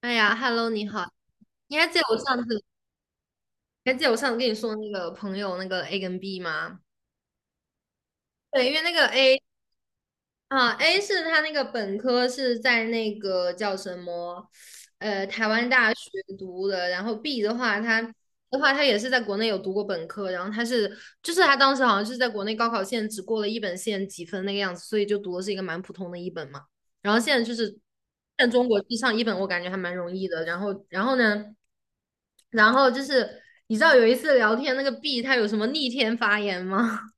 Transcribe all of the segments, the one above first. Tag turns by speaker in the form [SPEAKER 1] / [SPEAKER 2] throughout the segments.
[SPEAKER 1] 哎呀，Hello，你好，你还记得我上次，还记得我上次跟你说那个朋友那个 A 跟 B 吗？对，因为那个 A 啊，A 是他那个本科是在那个叫什么，台湾大学读的。然后 B 的话，他也是在国内有读过本科，然后就是他当时好像是在国内高考线只过了一本线几分那个样子，所以就读的是一个蛮普通的一本嘛。然后现在就是在中国去上一本，我感觉还蛮容易的。然后呢，然后就是你知道有一次聊天那个 B 他有什么逆天发言吗？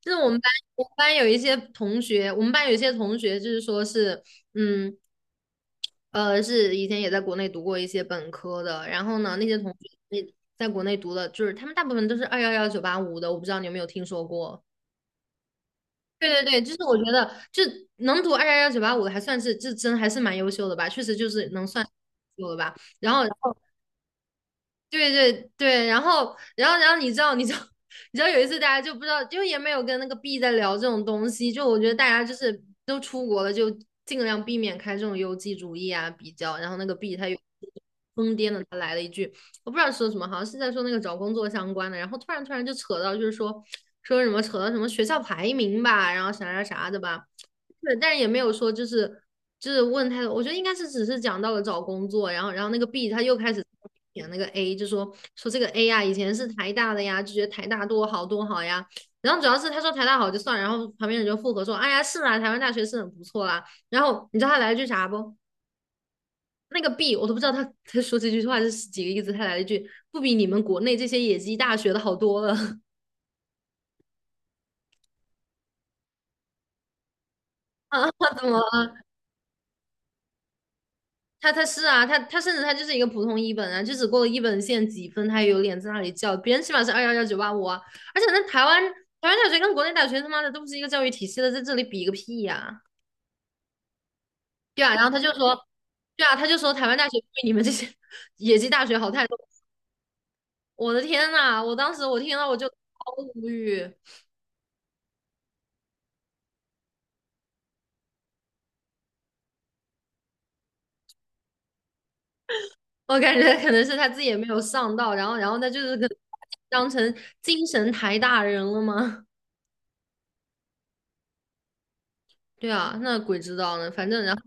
[SPEAKER 1] 就是我们班，我们班有一些同学就是说是，嗯，是以前也在国内读过一些本科的，然后呢，那些同学那在国内读的，就是他们大部分都是二幺幺九八五的，我不知道你有没有听说过。对对对，就是我觉得，就能读二幺幺九八五的，还算是这真还是蛮优秀的吧，确实就是能算有秀的吧。然后对对对，然后你知道 你知道有一次大家就不知道，就也没有跟那个 B 在聊这种东西，就我觉得大家就是都出国了，就尽量避免开这种优绩主义啊比较。然后那个 B 他有疯癫的，他来了一句，我不知道说什么，好像是在说那个找工作相关的，然后突然就扯到就是说说什么扯到什么学校排名吧，然后啥啥啥的吧。对，但是也没有说就是就是问他，多，我觉得应该是只是讲到了找工作，然后那个 B 他又开始点那个 A，就说说这个 A 呀、啊以前是台大的呀，就觉得台大多好多好呀。然后主要是他说台大好就算了然后旁边人就附和说，哎呀是啊，台湾大学是很不错啦。然后你知道他来了句啥不？那个 B 我都不知道他说这句话是几个意思，他来了一句不比你们国内这些野鸡大学的好多了 啊？怎么？他是啊，他甚至他就是一个普通一本啊，就只过了一本线几分，他也有脸在那里叫别人起码是二幺幺九八五啊，而且那台湾台湾大学跟国内大学他妈的都不是一个教育体系的，在这里比个屁呀、对啊，然后他就说，对啊，他就说台湾大学对你们这些 野鸡大学好太多，我的天呐，我当时我听到我就超无语，我感觉可能是他自己也没有上到，然后他就是可能当成精神台大人了吗？对啊，那鬼知道呢，反正然后。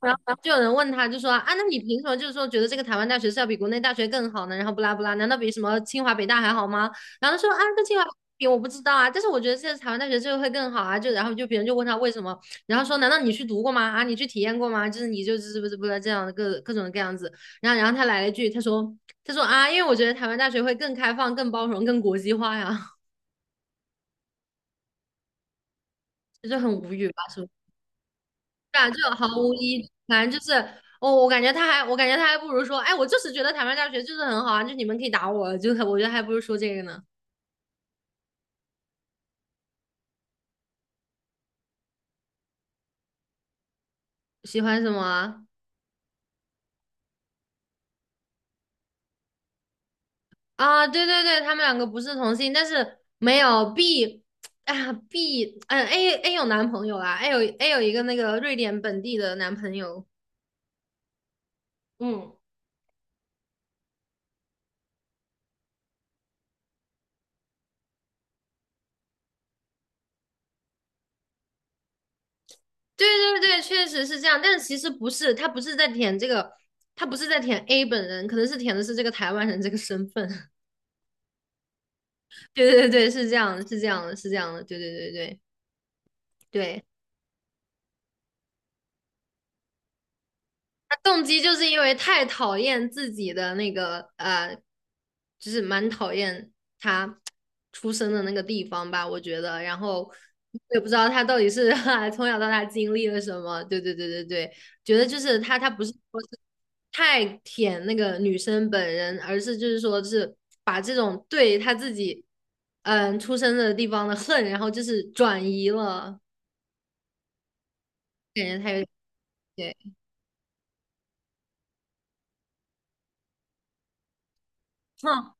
[SPEAKER 1] 然后就有人问他，就说啊，那你凭什么就是说觉得这个台湾大学是要比国内大学更好呢？然后不拉不拉，难道比什么清华北大还好吗？然后他说啊，跟清华比我不知道啊，但是我觉得现在台湾大学这个会更好啊。就然后就别人就问他为什么，然后说难道你去读过吗？啊，你去体验过吗？就是你就是不是不是这样的各种各样子。然后他来了一句，他说啊，因为我觉得台湾大学会更开放、更包容、更国际化呀，就是很无语吧，是不是啊，这毫无意义反正就是，哦，我感觉他还不如说，哎，我就是觉得台湾大学就是很好啊，就你们可以打我，就我觉得还不如说这个呢。喜欢什么啊？啊对对对，他们两个不是同性，但是没有 B，哎呀 B，嗯 A 有男朋友啦，A 有一个那个瑞典本地的男朋友。嗯，对对对，确实是这样，但是其实不是，他不是在舔 A 本人，可能是舔的是这个台湾人这个身份。对对对，是这样的，是这样的，是这样的，对对对对对。他动机就是因为太讨厌自己的那个就是蛮讨厌他出生的那个地方吧，我觉得。然后我也不知道他到底是 从小到大经历了什么。对对对对对，觉得就是他不是说是太舔那个女生本人，而是就是说是把这种对他自己出生的地方的恨，然后就是转移了，感觉他有点。对，哼，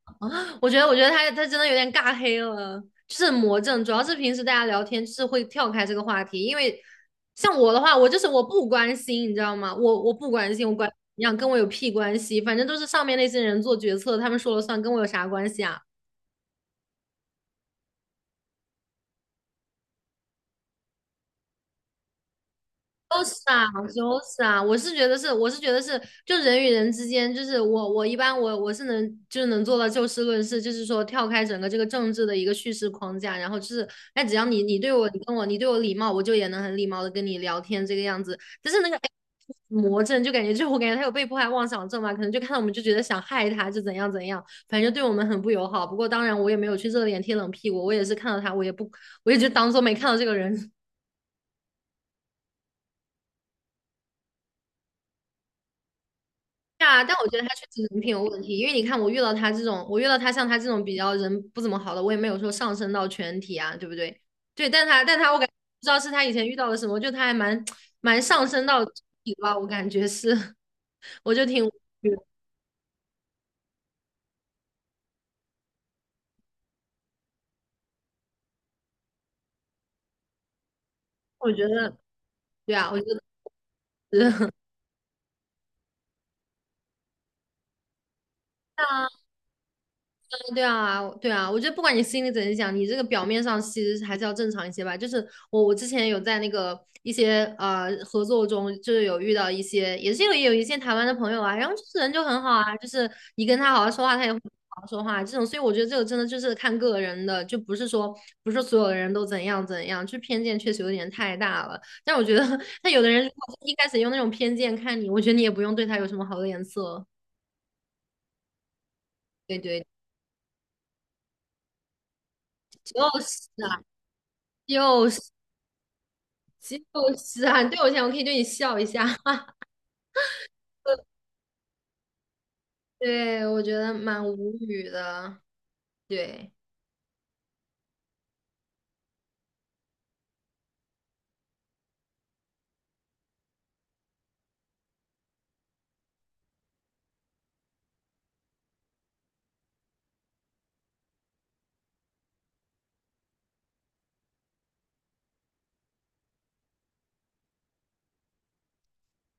[SPEAKER 1] 我觉得他真的有点尬黑了，就是魔怔。主要是平时大家聊天就是会跳开这个话题，因为像我的话，我就是我不关心，你知道吗？我不关心，我管你想跟我有屁关系？反正都是上面那些人做决策，他们说了算，跟我有啥关系啊？是啊，都傻是啊，我是觉得是，我是觉得是，就人与人之间，就是我一般我是能就是能做到就事论事，就是说跳开整个这个政治的一个叙事框架，然后就是，哎，只要你对我礼貌，我就也能很礼貌的跟你聊天这个样子。但是那个哎魔怔，就感觉就我感觉他有被迫害妄想症嘛，可能就看到我们就觉得想害他，就怎样怎样，反正对我们很不友好。不过当然我也没有去热脸贴冷屁股，我也是看到他，我也就当做没看到这个人。对啊，但我觉得他确实人品有问题，因为你看我遇到他这种，我遇到他像他这种比较人不怎么好的，我也没有说上升到全体啊，对不对？对，但他我感觉不知道是他以前遇到了什么，就他还蛮上升到体吧，我感觉是，我就挺，我觉得对啊，我觉得是 对啊，对啊，我觉得不管你心里怎么想，你这个表面上其实还是要正常一些吧。就是我，我之前有在那个一些合作中，就是有遇到一些，也是有一些台湾的朋友啊，然后就是人就很好啊，就是你跟他好好说话，他也会好好说话这种。所以我觉得这个真的就是看个人的，就不是说不是所有的人都怎样怎样，就偏见确实有点太大了。但我觉得，那有的人如果一开始用那种偏见看你，我觉得你也不用对他有什么好的脸色。对对，就是啊，就是。就是啊，你对我这样，我可以对你笑一下。对，我觉得蛮无语的，对，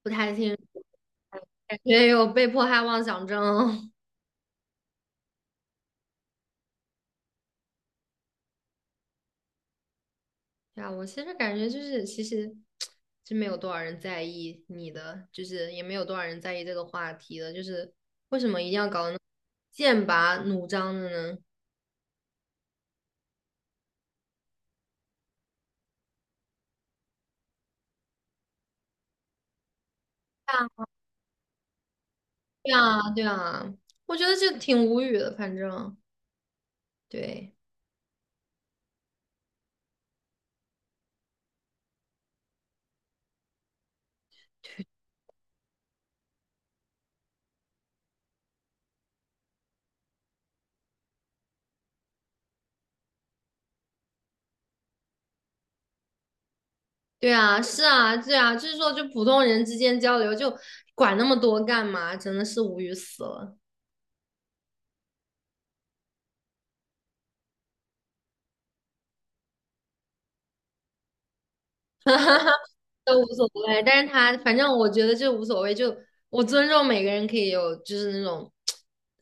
[SPEAKER 1] 不太清，感觉有被迫害妄想症。呀，我其实感觉就是，其实真没有多少人在意你的，就是也没有多少人在意这个话题的，就是为什么一定要搞得那么剑拔弩张的呢？对啊，对啊，对啊，我觉得就挺无语的，反正对。对啊，是啊，对啊，就是说，就普通人之间交流，就管那么多干嘛？真的是无语死了，都无所谓。但是他反正我觉得就无所谓，就我尊重每个人可以有就是那种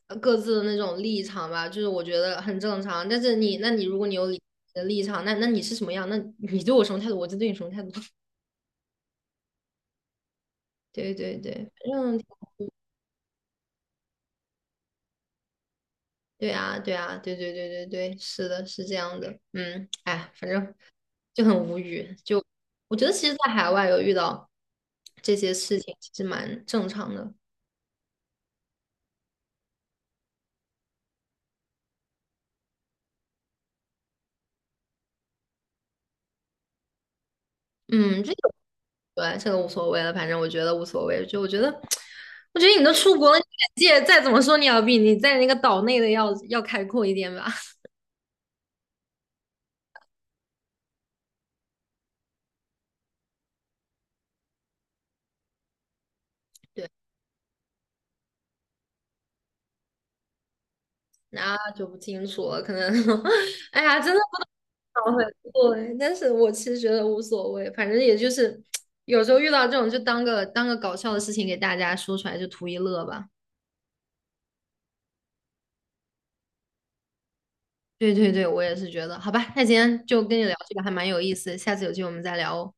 [SPEAKER 1] 各自的那种立场吧，就是我觉得很正常。但是你，那你如果你有你的立场，那你是什么样？那你对我什么态度，我就对你什么态度。对对对，反正对啊，对啊，对对对对对，是的，是这样的。嗯，哎，反正。就很无语。就我觉得，其实，在海外有遇到这些事情，其实蛮正常的。嗯，这个对，这个无所谓了，反正我觉得无所谓。就我觉得，我觉得你都出国了，你眼界再怎么说，你要比你在那个岛内的要开阔一点吧。那就不清楚了，可能，哎呀，真的不好回复哎但是我其实觉得无所谓，反正也就是 有时候遇到这种，就当个搞笑的事情给大家说出来，就图一乐吧。对对对，我也是觉得，好吧，那今天就跟你聊这个还蛮有意思下次有机会我们再聊哦。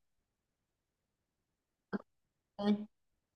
[SPEAKER 1] 拜拜